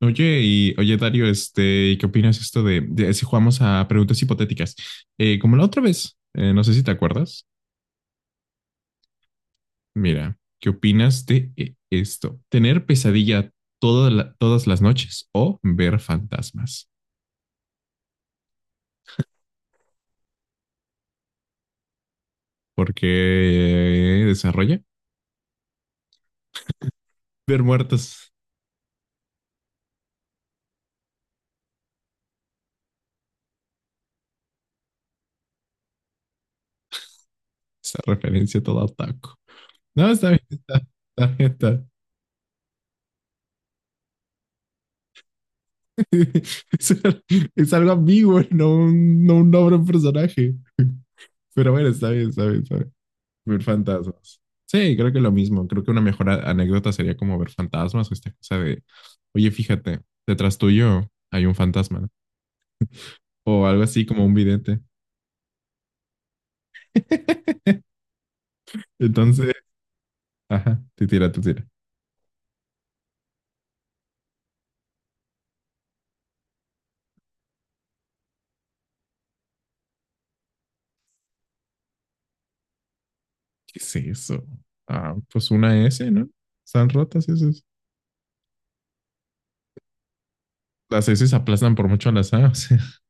Oye, Dario, este, ¿y qué opinas esto de si jugamos a preguntas hipotéticas? Como la otra vez, no sé si te acuerdas. Mira, ¿qué opinas de esto? ¿Tener pesadilla todas las noches o ver fantasmas? Porque desarrolla ver muertos. Esa referencia toda otaku. No, está bien, está, está bien, está. Es, es algo ambiguo, no un nombre, un personaje. Pero bueno, está bien, está bien, está bien. Ver fantasmas. Sí, creo que lo mismo. Creo que una mejor anécdota sería como ver fantasmas o esta cosa de, oye, fíjate, detrás tuyo hay un fantasma, ¿no? O algo así como un vidente. Entonces, ajá, te tira, te tira. ¿Qué es eso? Ah, pues una S, ¿no? Están rotas esas. Las S aplazan por mucho a las A, o sea,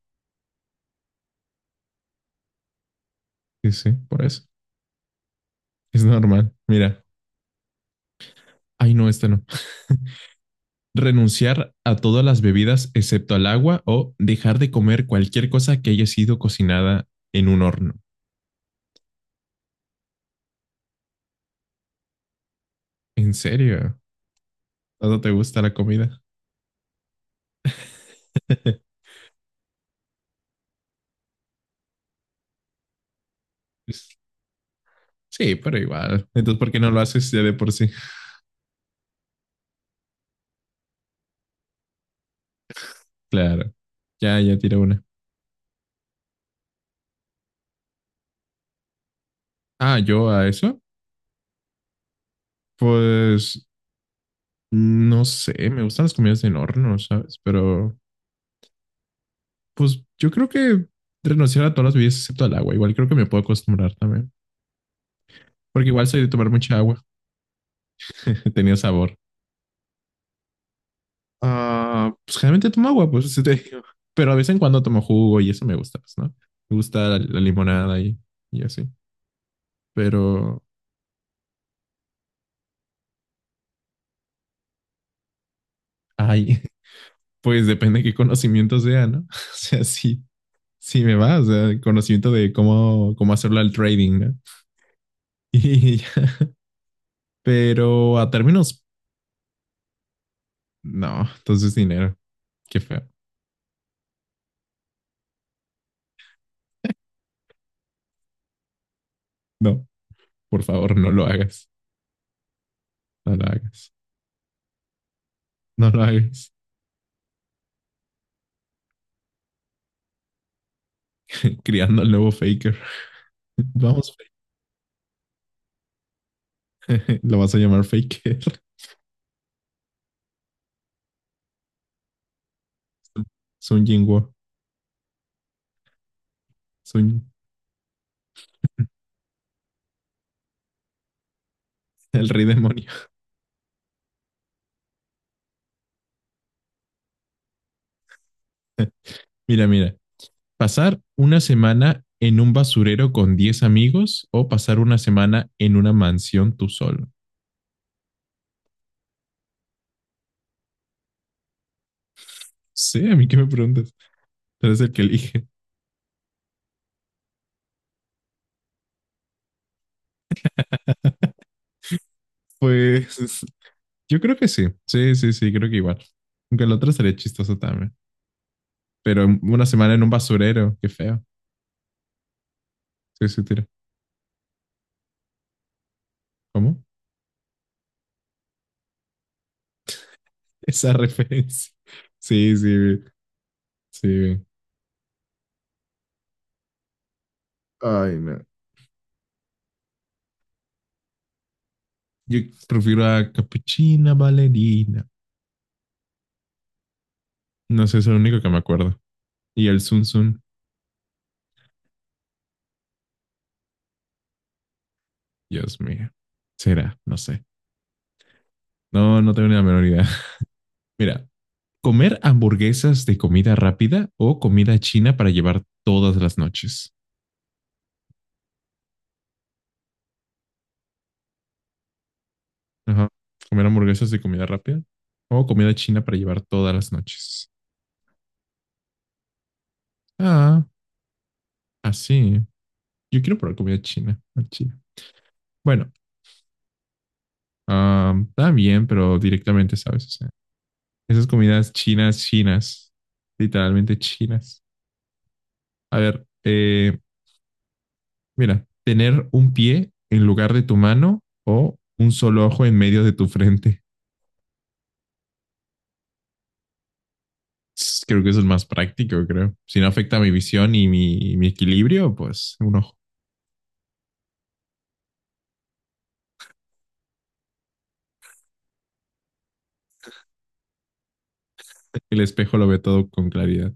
sí, sí, por eso. Es normal. Mira, ay, no, este no. Renunciar a todas las bebidas excepto al agua o dejar de comer cualquier cosa que haya sido cocinada en un horno. ¿En serio? ¿Tanto te gusta la comida? Sí, pero igual. Entonces, ¿por qué no lo haces ya de por sí? Claro. Ya, ya tira una. Ah, yo a eso. Pues no sé, me gustan las comidas en horno, ¿sabes? Pero pues yo creo que renunciar a todas las bebidas excepto al agua. Igual creo que me puedo acostumbrar también. Porque igual soy de tomar mucha agua. Tenía sabor. Ah, pues generalmente tomo agua, pues sí te digo. Pero a veces en cuando tomo jugo y eso me gusta, pues, ¿no? Me gusta la limonada y así. Pero, ay, pues depende de qué conocimiento sea, ¿no? O sea, sí, sí me va, o sea, el conocimiento de cómo hacerlo al trading, ¿no? Y, ya. Pero a términos, no, entonces dinero, qué feo. No, por favor, no lo hagas, no lo hagas, no lo hagas. Criando al nuevo faker. Vamos, lo vas a llamar faker. Sun Jinwoo, Sun, el rey demonio. Mira, mira, pasar una semana en un basurero con 10 amigos o pasar una semana en una mansión tú solo. Sí, a mí qué me preguntas. Tú eres el que elige. Pues yo creo que sí. Sí, sí, sí, creo que igual. Aunque el otro sería chistoso también. Pero una semana en un basurero, qué feo. Sí, sí, tira. ¿Cómo? Esa referencia. Sí, sí, sí. Sí. Ay, no. Yo prefiero a Capuchina Valerina. No sé, es el único que me acuerdo. Y el Sun Sun, Dios mío. Será, no sé. No, no tengo ni la menor idea. Mira, comer hamburguesas de comida rápida o comida china para llevar todas las noches. Ajá. Comer hamburguesas de comida rápida o comida china para llevar todas las noches. Ah, así. Yo quiero probar comida china. Ah, china. Bueno, ah, está bien, pero directamente, ¿sabes? O sea, esas comidas chinas, chinas. Literalmente chinas. A ver, mira, tener un pie en lugar de tu mano o un solo ojo en medio de tu frente. Creo que eso es más práctico, creo. Si no afecta mi visión y mi equilibrio, pues un ojo. El espejo lo ve todo con claridad.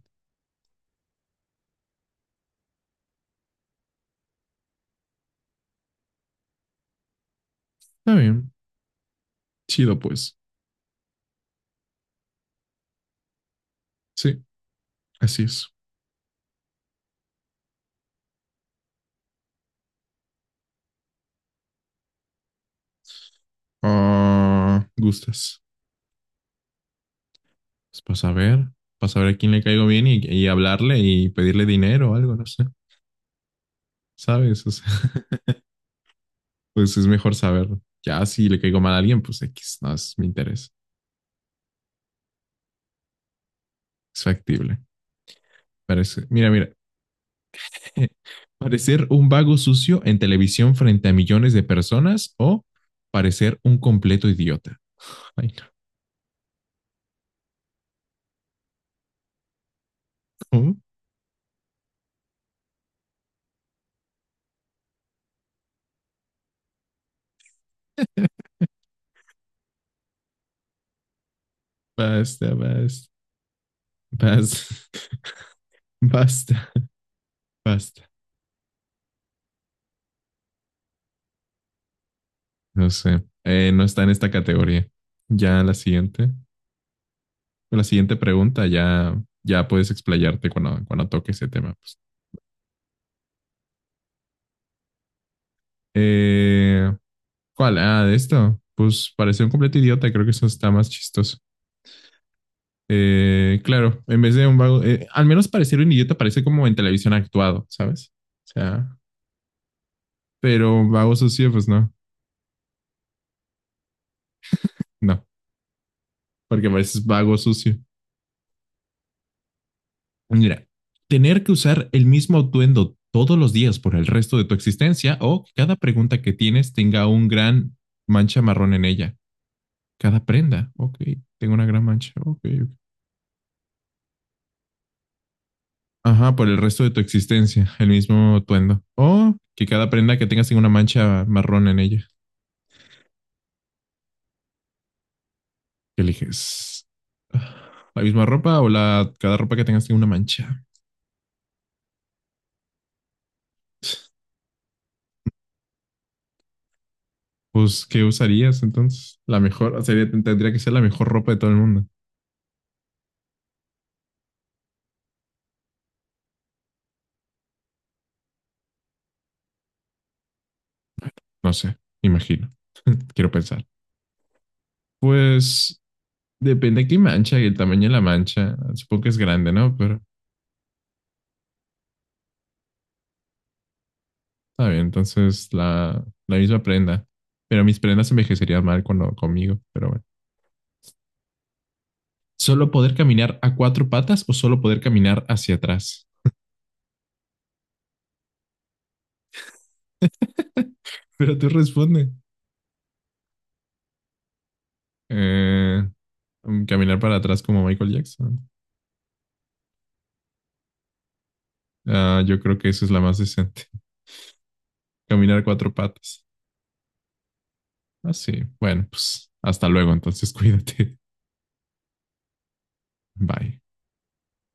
Está bien. Chido, pues. Sí, así es. Ah, gustas. Pues para saber a quién le caigo bien y hablarle y pedirle dinero o algo, no sé. ¿Sabes? O sea, pues es mejor saber. Ya si le caigo mal a alguien, pues X, no es mi interés. Es factible. Parece, mira, mira. Parecer un vago sucio en televisión frente a millones de personas o parecer un completo idiota. Ay, no. Basta, basta, basta, basta, basta. No sé. No está en esta categoría. Ya la siguiente, pregunta, ya puedes explayarte cuando toque ese tema. Pues. Eh, ¿Cuál? Ah, de esto. Pues parecer un completo idiota. Creo que eso está más chistoso. Claro, en vez de un vago, al menos parecer un idiota parece como en televisión actuado, ¿sabes? O sea, pero vago sucio, pues no, no, porque pareces vago sucio. Mira, tener que usar el mismo atuendo todos los días por el resto de tu existencia o que cada pregunta que tienes tenga un gran mancha marrón en ella. Cada prenda, ok, tengo una gran mancha, ok, ok. Ajá, por el resto de tu existencia, el mismo atuendo. O que cada prenda que tengas tenga una mancha marrón en ella. ¿Qué eliges? ¿La misma ropa o la, cada ropa que tengas tiene una mancha? Pues, ¿qué usarías entonces? La mejor, sería, tendría que ser la mejor ropa de todo el mundo. No sé, imagino, quiero pensar. Pues, depende de qué mancha y el tamaño de la mancha. Supongo que es grande, ¿no? Pero está bien, entonces la misma prenda. Pero mis prendas envejecerían mal cuando, conmigo, pero bueno. ¿Solo poder caminar a cuatro patas o solo poder caminar hacia atrás? Pero tú responde. Eh, Caminar para atrás como Michael Jackson. Ah, yo creo que esa es la más decente. Caminar cuatro patas. Ah, sí. Bueno, pues hasta luego, entonces cuídate. Bye.